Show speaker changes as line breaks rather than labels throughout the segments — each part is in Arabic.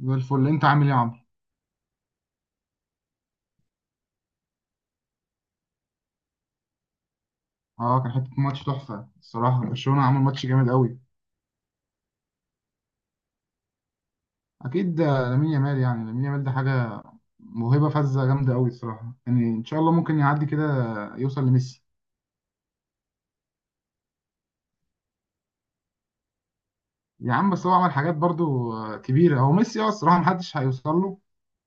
زي الفل انت عامل ايه يا عمرو؟ اه كان حته ماتش تحفه الصراحه برشلونه عمل ماتش جامد قوي. اكيد لامين يامال يعني لامين يامال ده حاجه. موهبه فذه جامده قوي الصراحه يعني ان شاء الله ممكن يعدي كده يوصل لميسي. يا عم بس هو عمل حاجات برضو كبيره. هو ميسي الصراحه محدش هيوصل له.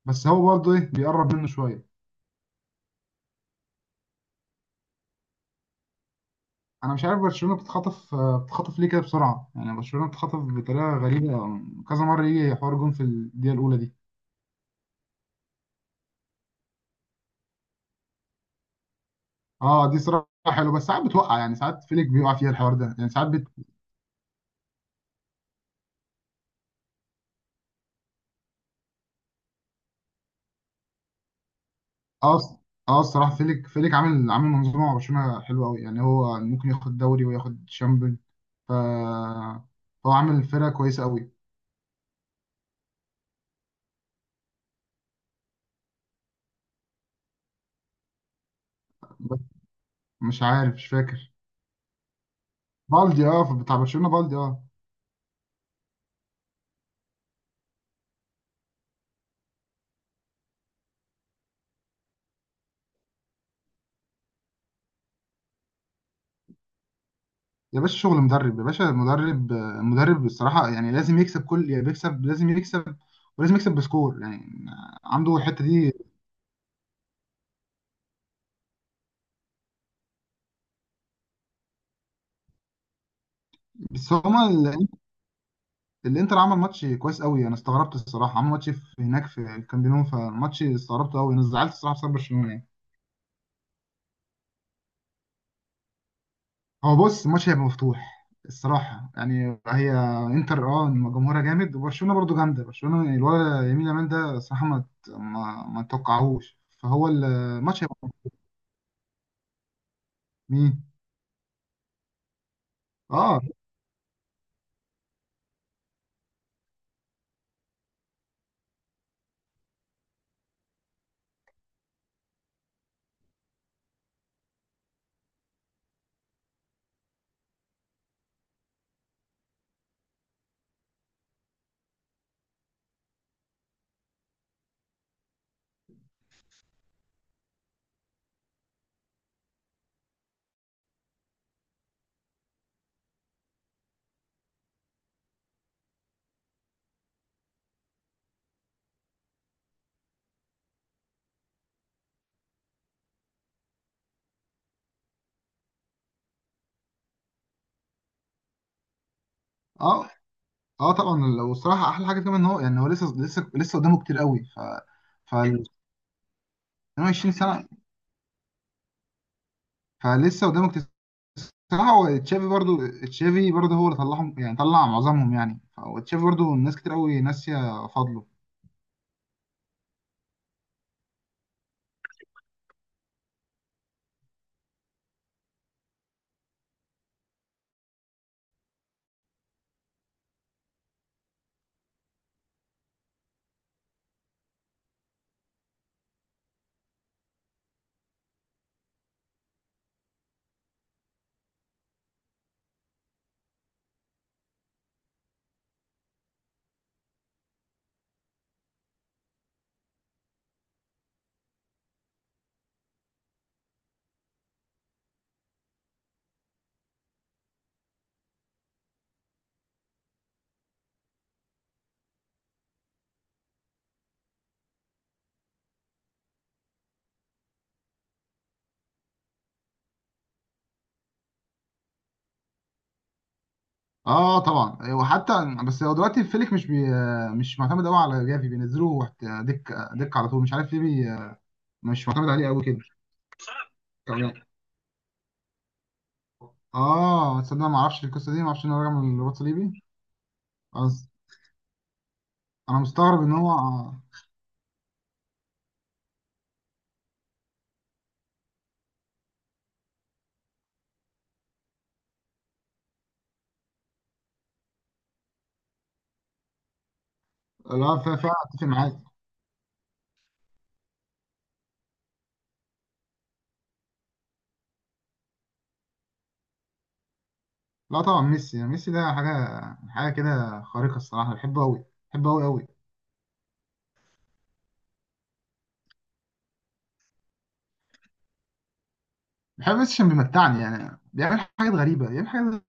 بس هو برضو ايه بيقرب منه شويه. انا مش عارف برشلونه بتخطف ليه كده بسرعه يعني برشلونه بتخطف بطريقه غريبه. كذا مره يجي حوار جون في الدقيقه الاولى دي. اه دي صراحه حلو بس ساعات بتوقع يعني ساعات فيليك بيقع فيها الحوار ده يعني ساعات. اه الص- اه الصراحه فيليك عامل منظومه مع برشلونه حلوه قوي يعني هو ممكن ياخد دوري وياخد شامبيون. ف هو عامل فرقه كويسه قوي. بس مش عارف مش فاكر. بالدي بتاع برشلونه بالدي اه. يا باشا شغل مدرب يا باشا مدرب الصراحه يعني لازم يكسب كل يعني بيكسب لازم يكسب ولازم يكسب بسكور يعني عنده الحته دي. بس هما ال- الانتر عمل ماتش كويس قوي انا استغربت الصراحه عمل ماتش في هناك في الكامب نو فماتش استغربته قوي انا زعلت الصراحه بسبب برشلونه يعني. هو بص الماتش هيبقى مفتوح الصراحه يعني هي انتر إن جمهورها جامد وبرشلونه برضو جامده برشلونه الولد يمين يامال ده صراحه ما توقعهوش فهو الماتش هيبقى. مين. اه اه اه طبعا والصراحه احلى حاجه كمان ان هو لسه لسه لسه قدامه كتير قوي. ف ف 22 سنه. فلسه قدامه كتير. صراحه هو تشافي برضو هو اللي طلعهم يعني طلع معظمهم يعني فهو تشافي برضو ناس كتير قوي ناسيه فضله. اه طبعا وحتى بس هو دلوقتي فليك مش معتمد قوي على جافي بينزلوه دك دك على طول مش عارف ليه مش معتمد عليه قوي كده يعني. اه تصدق ما اعرفش القصه دي ما اعرفش ان هو راجع من الرباط الصليبي. بس انا مستغرب ان هو لا فعلا اتفق معاك. لا طبعا ميسي يعني ميسي ده حاجه. حاجه كده خارقه الصراحه بحبه قوي بحبه قوي قوي. بحب ميسي عشان بيمتعني يعني بيعمل حاجات غريبه بيعمل حاجات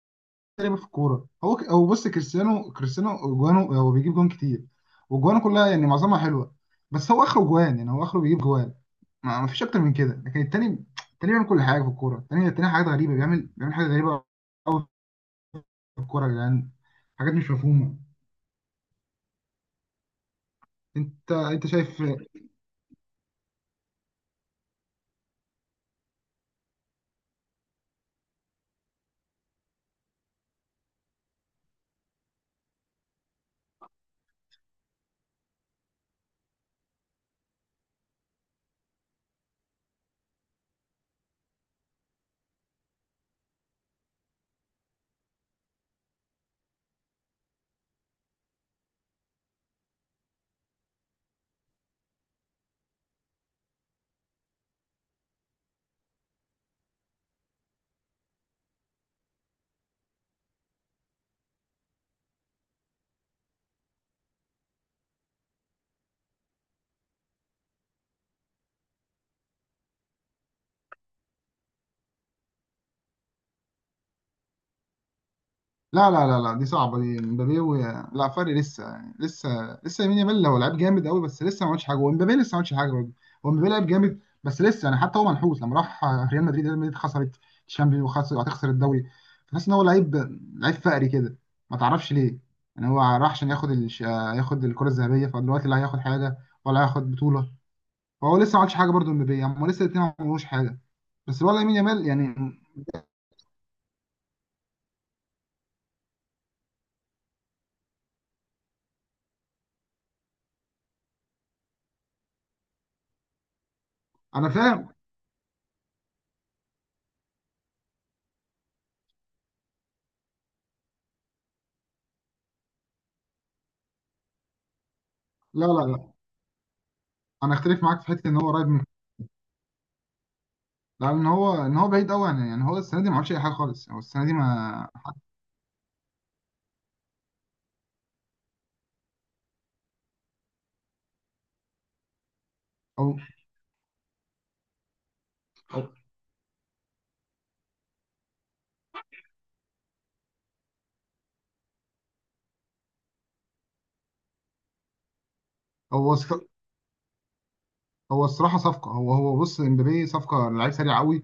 تقريبا في الكوره هو هو بص كريستيانو جوانه هو بيجيب جوان كتير وجوانه كلها يعني معظمها حلوه بس هو اخره جوان يعني هو اخره بيجيب جوان ما فيش اكتر من كده. لكن التاني التاني بيعمل كل حاجه في الكوره التاني التاني حاجات غريبه بيعمل حاجات غريبه قوي في الكوره يا جدعان حاجات مش مفهومه. انت شايف. لا لا لا لا دي صعبه. دي مبابي لا فرق لسه يعني لسه. لسه يمين يامال هو لعيب جامد قوي بس لسه ما عملش حاجه ومبابي لسه ما عملش حاجه برضه. هو مبابي لعيب جامد بس لسه يعني حتى هو منحوس لما راح ريال مدريد. ريال مدريد خسرت الشامبيونز وخسر وهتخسر الدوري. تحس ان هو لعيب فقري كده ما تعرفش ليه. يعني هو راح عشان ياخد ياخد الكره الذهبيه فدلوقتي لا هياخد حاجه ولا هياخد بطوله. فهو لسه ما عملش حاجه برضه مبابي يعني هما لسه الاثنين ما عملوش حاجه بس الولد يمين يامال يعني. انا فاهم. لا لا لا انا اختلف معاك في حته ان هو قريب. لا ان هو بعيد قوي عن، يعني هو السنه دي ما عملش اي حاجه خالص يعني هو السنه دي ما. هو هو- هو صف- هو الصراحه صفقه. هو بص امبابي صفقه لعيب سريع قوي.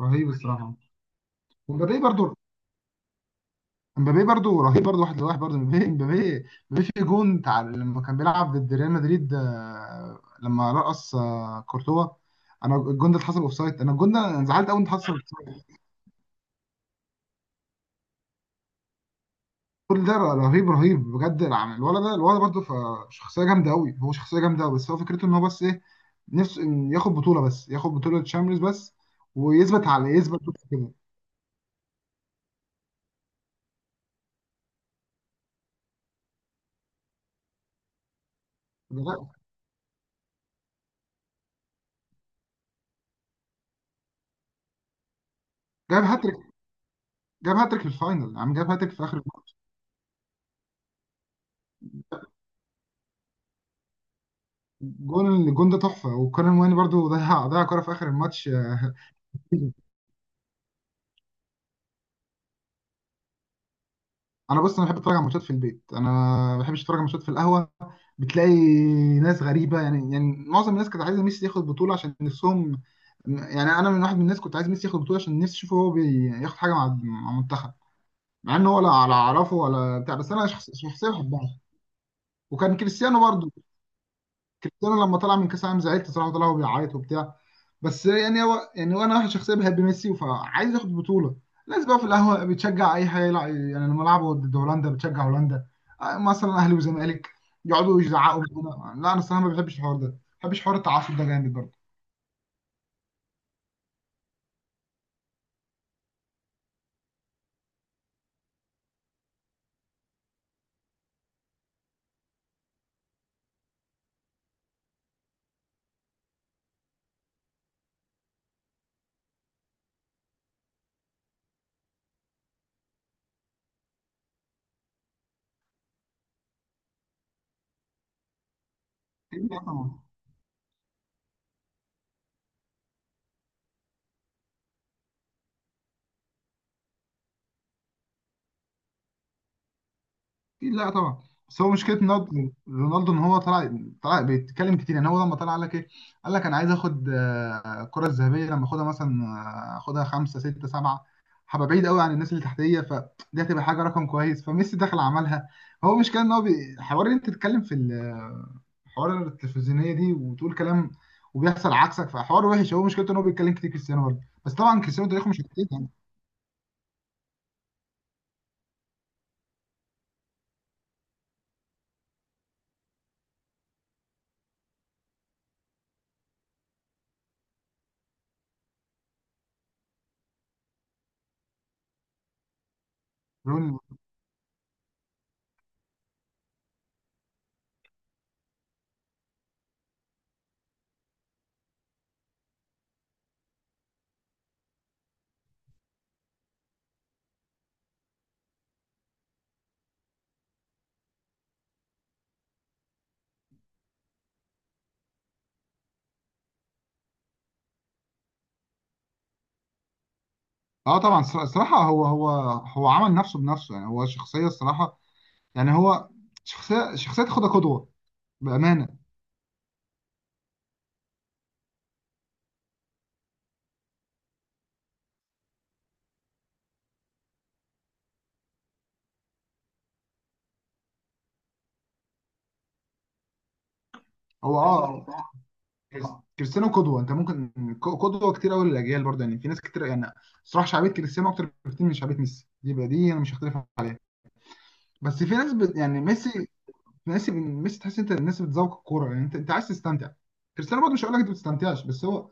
رهيب الصراحه. ومبابي برضو امبابي برضو رهيب برضو واحد لواحد برضو امبابي امبابي في جون بتاع لما كان بيلعب ضد ريال مدريد لما رقص كورتوا. انا الجون ده اتحسب اوفسايد انا الجون ده أنا زعلت قوي ان اتحسب. كل ده رهيب رهيب بجد الولد ده الولد برضه فشخصية جامدة أوي هو شخصية جامدة أوي. بس هو فكرته إن هو بس إيه نفسه إن ياخد بطولة بس ياخد بطولة تشامبيونز بس ويثبت يثبت بس كده. ده جاب هاتريك جاب هاتريك في الفاينل عم جاب هاتريك في آخر. الجون ده تحفة وكارن واني برضه ضيع كورة في آخر الماتش أنا بص أنا بحب أتفرج على ماتشات في البيت أنا. ما بحبش أتفرج على ماتشات في القهوة. بتلاقي ناس غريبه يعني معظم الناس كانت عايزه ميسي ياخد بطوله عشان نفسهم. يعني انا من واحد من الناس كنت عايز ميسي ياخد بطوله عشان نفسي اشوفه هو بياخد حاجه مع المنتخب مع ان هو لا ولا اعرفه ولا بتاع بس انا شخصيا بحبها. وكان كريستيانو برضو كريستيانو لما طلع من كاس العالم زعلت صراحه طلع وهو بيعيط وبتاع. بس يعني هو انا واحد شخصيا بحب ميسي فعايز ياخد بطوله. الناس بقى في القهوه بتشجع اي حاجه يلعب يعني لما لعبوا ضد هولندا بتشجع هولندا مثلا اهلي وزمالك يقعدوا يزعقوا. لا انا الصراحه ما بحبش الحوار ده ما بحبش حوار التعصب ده جامد. برضه لا طبعا بس هو مشكله رونالدو رونالدو ان هو طلع بيتكلم كتير يعني هو لما طلع قال لك ايه قال لك انا عايز اخد الكره الذهبيه لما اخدها مثلا اخدها خمسه سته سبعه هبقى بعيد قوي عن الناس اللي تحتيه فدي هتبقى حاجه رقم كويس فميسي دخل عملها. هو مشكله ان هو حوار ان انت تتكلم في حوار التلفزيونيه دي وتقول كلام وبيحصل عكسك فحوار وحش. هو مشكلته ان هو بيتكلم كتير كريستيانو برضه بس طبعا كريستيانو تاريخه مش كتير يعني. روني- اه طبعا الصراحه هو عمل نفسه بنفسه يعني هو شخصيه الصراحه يعني هو شخصيه تاخدها قدوه بامانه. هو اه كريس- كريستيانو قدوه انت ممكن قدوه كتير قوي للاجيال برضه يعني في ناس كتير يعني صراحه شعبيه كريستيانو اكتر بكتير من شعبيه ميسي دي بقى دي انا مش هختلف عنها. بس في ناس بت يعني ميسي تحس انت الناس بتذوق الكوره يعني انت عايز تستمتع. كريستيانو برضه مش هقول لك انت ما بتستمتعش بس هو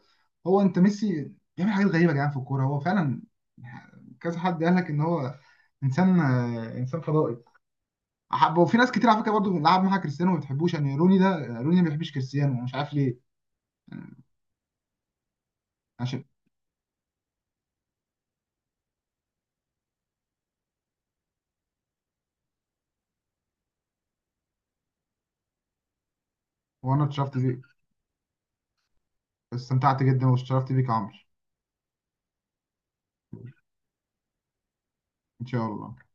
هو انت ميسي بيعمل حاجات غريبه يا جدعان في الكوره هو فعلا. كذا حد قال لك ان هو انسان انسان فضائي. أحب وفي ناس كتير على فكره برضه بنلعب معاها كريستيانو ما بتحبوش يعني روني ده روني ما بيحبش كريستيانو مش عارف ليه يعني. عشان وانا اتشرفت بيك استمتعت جدا واتشرفت بيك يا عمرو ان شاء الله